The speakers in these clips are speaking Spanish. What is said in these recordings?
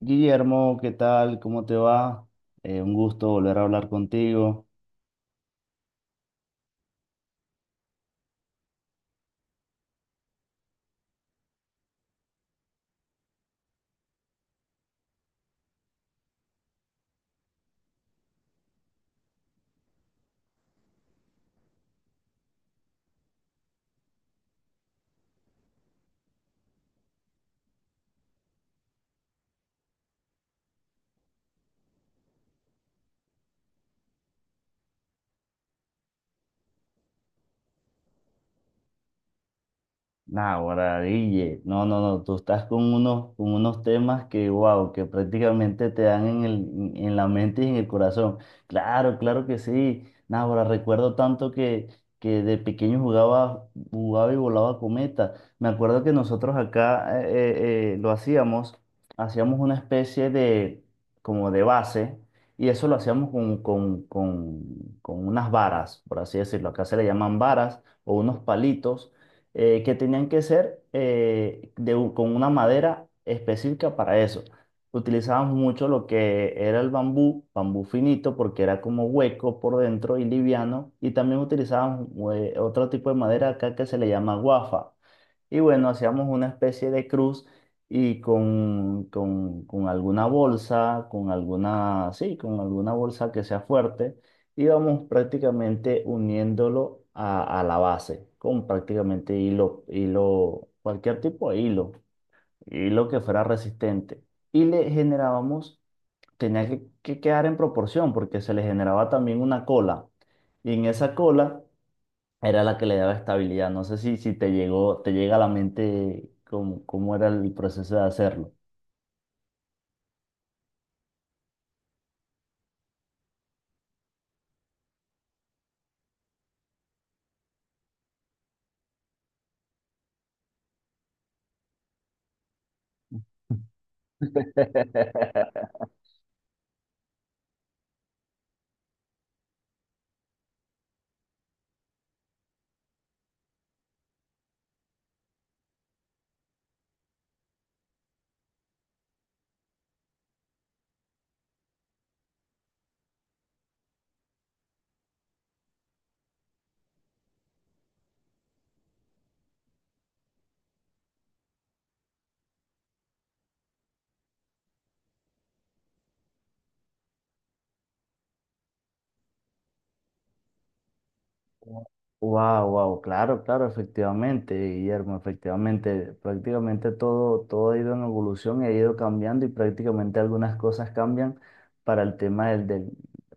Guillermo, ¿qué tal? ¿Cómo te va? Un gusto volver a hablar contigo. Nah, Guille, no, no, no, tú estás con unos temas que, wow, que prácticamente te dan en en la mente y en el corazón. Claro, claro que sí. Nah, ahora recuerdo tanto que de pequeño jugaba, jugaba y volaba cometa. Me acuerdo que nosotros acá lo hacíamos una especie de, como de base, y eso lo hacíamos con unas varas, por así decirlo. Acá se le llaman varas o unos palitos que tenían que ser con una madera específica para eso. Utilizábamos mucho lo que era el bambú, bambú finito, porque era como hueco por dentro y liviano, y también utilizábamos otro tipo de madera acá que se le llama guafa. Y bueno, hacíamos una especie de cruz y con alguna bolsa, con alguna, sí, con alguna bolsa que sea fuerte, íbamos prácticamente uniéndolo a la base, con prácticamente hilo, hilo, cualquier tipo de hilo, hilo que fuera resistente. Y le generábamos, tenía que quedar en proporción porque se le generaba también una cola. Y en esa cola era la que le daba estabilidad. No sé si te llega a la mente cómo era el proceso de hacerlo. Wow, wow, claro, claro, efectivamente, Guillermo, efectivamente, prácticamente todo, todo ha ido en evolución y ha ido cambiando y prácticamente algunas cosas cambian para el tema del, del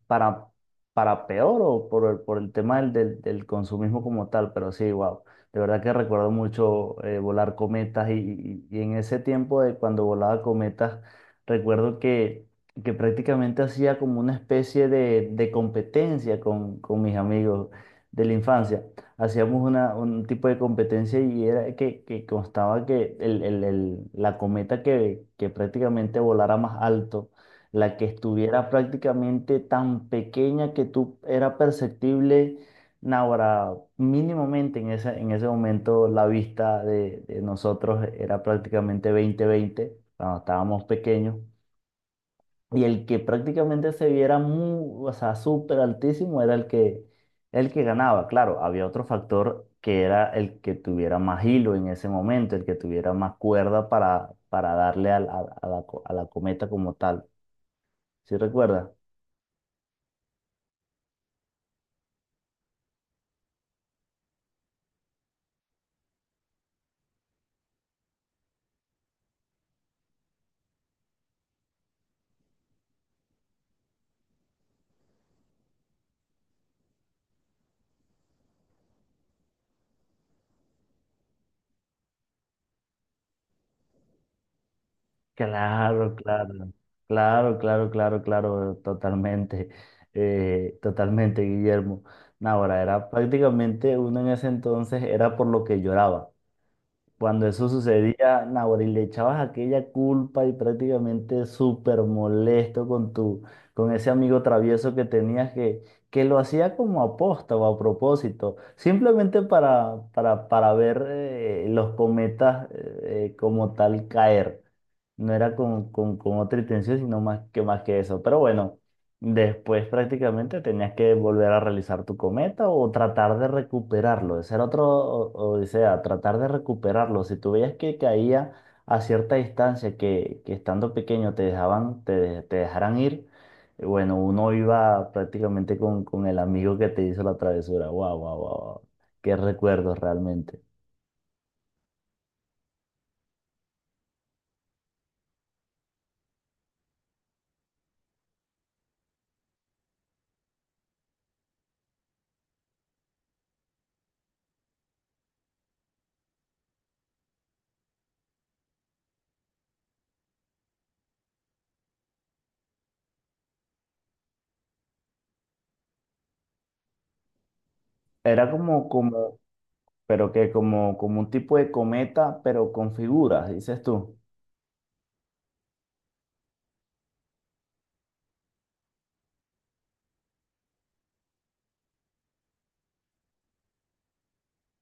para, para peor o por el tema del consumismo como tal, pero sí, wow, de verdad que recuerdo mucho volar cometas y en ese tiempo de cuando volaba cometas, recuerdo que prácticamente hacía como una especie de competencia con mis amigos de la infancia. Hacíamos un tipo de competencia y era que constaba que la cometa que prácticamente volara más alto, la que estuviera prácticamente tan pequeña que tú era perceptible, ahora mínimamente en ese momento la vista de nosotros era prácticamente 20/20 cuando estábamos pequeños. Y el que prácticamente se viera muy, o sea, súper altísimo era el que ganaba. Claro, había otro factor que era el que tuviera más hilo en ese momento, el que tuviera más cuerda para darle a la cometa como tal. ¿Sí recuerda? Claro, claro, claro, claro, claro, claro, totalmente, totalmente, Guillermo. No, ahora, era prácticamente uno en ese entonces, era por lo que lloraba. Cuando eso sucedía, Nahuel, y le echabas aquella culpa y prácticamente súper molesto con ese amigo travieso que lo hacía como aposta o a propósito, simplemente para ver los cometas como tal caer. No era con otra intención, sino más que eso. Pero bueno. Después prácticamente tenías que volver a realizar tu cometa o tratar de recuperarlo. Ese era otro, o sea, tratar de recuperarlo. Si tú veías que caía a cierta distancia, que estando pequeño te dejaban, te, de- te dejaran ir, bueno, uno iba prácticamente con el amigo que te hizo la travesura. Wow, wow, wow, qué recuerdos realmente. Era como, pero que como un tipo de cometa, pero con figuras, dices tú.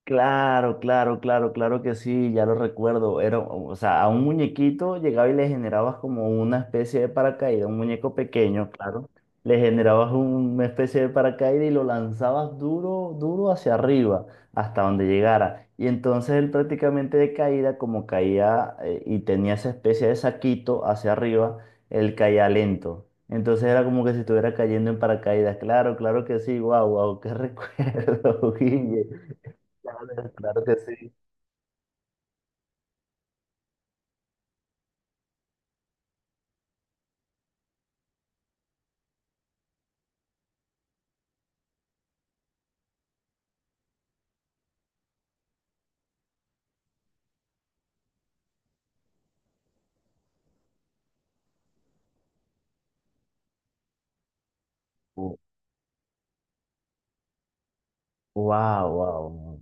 Claro, claro, claro, claro que sí, ya lo recuerdo. Era, o sea, a un muñequito llegaba y le generabas como una especie de paracaídas, un muñeco pequeño, claro. Le generabas una especie de paracaídas y lo lanzabas duro, duro hacia arriba, hasta donde llegara. Y entonces él prácticamente de caída, como caía y tenía esa especie de saquito hacia arriba, él caía lento. Entonces era como que si estuviera cayendo en paracaídas. Claro, claro que sí, guau, guau, qué recuerdo, Guille. Claro, claro que sí. Wow, wow.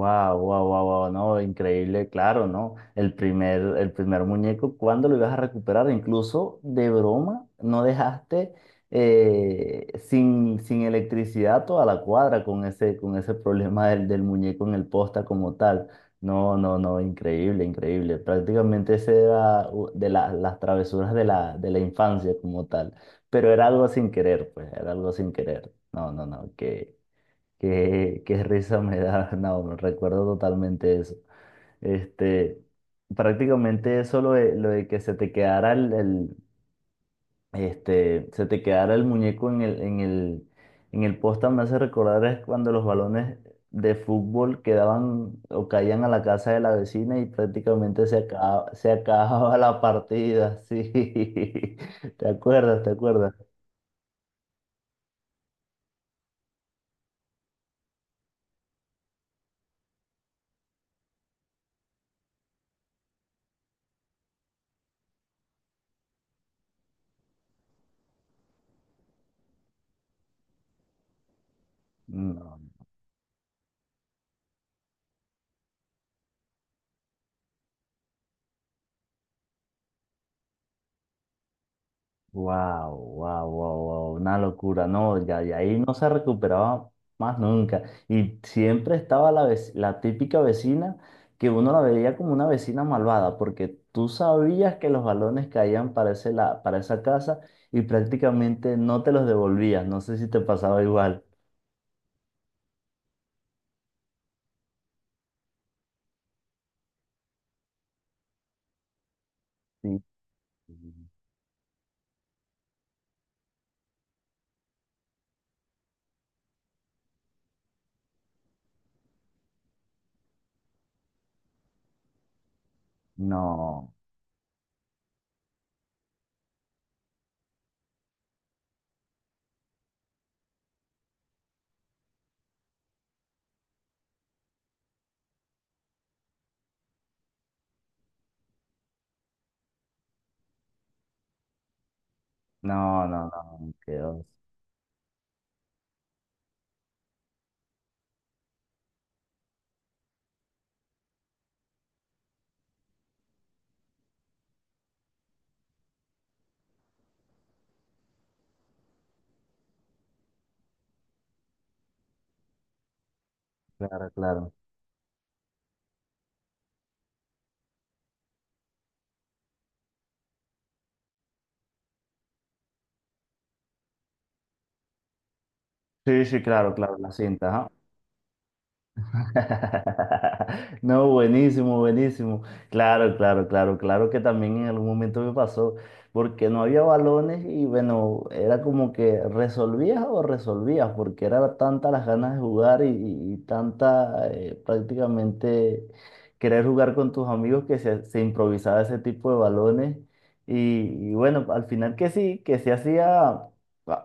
Wow, wow, wow, wow, no, increíble, claro, ¿no? El primer muñeco, ¿cuándo lo ibas a recuperar? Incluso de broma, no dejaste sin electricidad toda la cuadra con ese problema del muñeco en el posta como tal. No, no, no, increíble, increíble. Prácticamente ese era las travesuras de la infancia como tal. Pero era algo sin querer, pues, era algo sin querer. No, no, no, que. Qué risa me da, no, recuerdo totalmente eso. Este, Prácticamente eso lo de que se te quedara el muñeco en el poste me hace recordar es cuando los balones de fútbol quedaban o caían a la casa de la vecina y prácticamente se acababa la partida, sí. ¿Te acuerdas? ¿Te acuerdas? No. Wow, wow, wow, wow, una locura, no, ya de ahí no se recuperaba más nunca. Y siempre estaba la típica vecina que uno la veía como una vecina malvada, porque tú sabías que los balones caían para esa casa y prácticamente no te los devolvías. No sé si te pasaba igual. Sí. No, no, no, no, quedó. Claro, claro. Sí, sí, claro, claro, la cinta. Ajá. No, buenísimo, buenísimo. Claro, claro, claro, claro que también en algún momento me pasó, porque no había balones y bueno, era como que resolvías o resolvías, porque era tanta las ganas de jugar y tanta prácticamente querer jugar con tus amigos que se improvisaba ese tipo de balones. Y bueno, al final que sí, que se hacía a-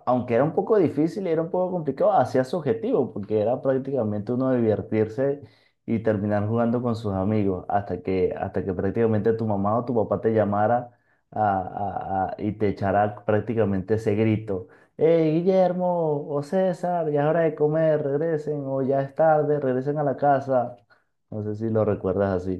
aunque era un poco difícil y era un poco complicado, hacía su objetivo, porque era prácticamente uno divertirse y terminar jugando con sus amigos, hasta que prácticamente tu mamá o tu papá te llamara a- y te echara prácticamente ese grito. Hey, Guillermo o César, ya es hora de comer, regresen, o ya es tarde, regresen a la casa. No sé si lo recuerdas así.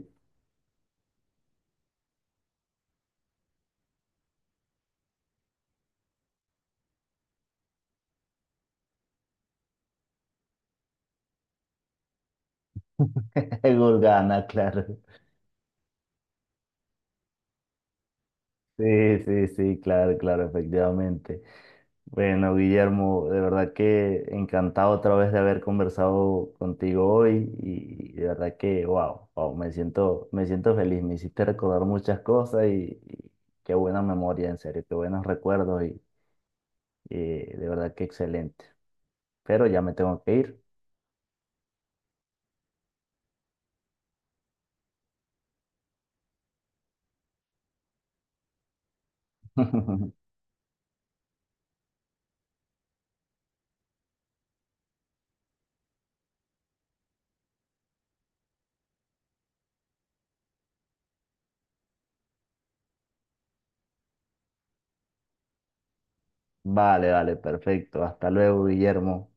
Gurgana, claro. Sí, sí, sí, claro, claro, efectivamente. Bueno, Guillermo, de verdad que encantado otra vez de haber conversado contigo hoy y de verdad que, wow, wow, me siento feliz, me hiciste recordar muchas cosas y qué buena memoria, en serio, qué buenos recuerdos y de verdad que excelente. Pero ya me tengo que ir. Vale, vale, perfecto. Hasta luego, Guillermo.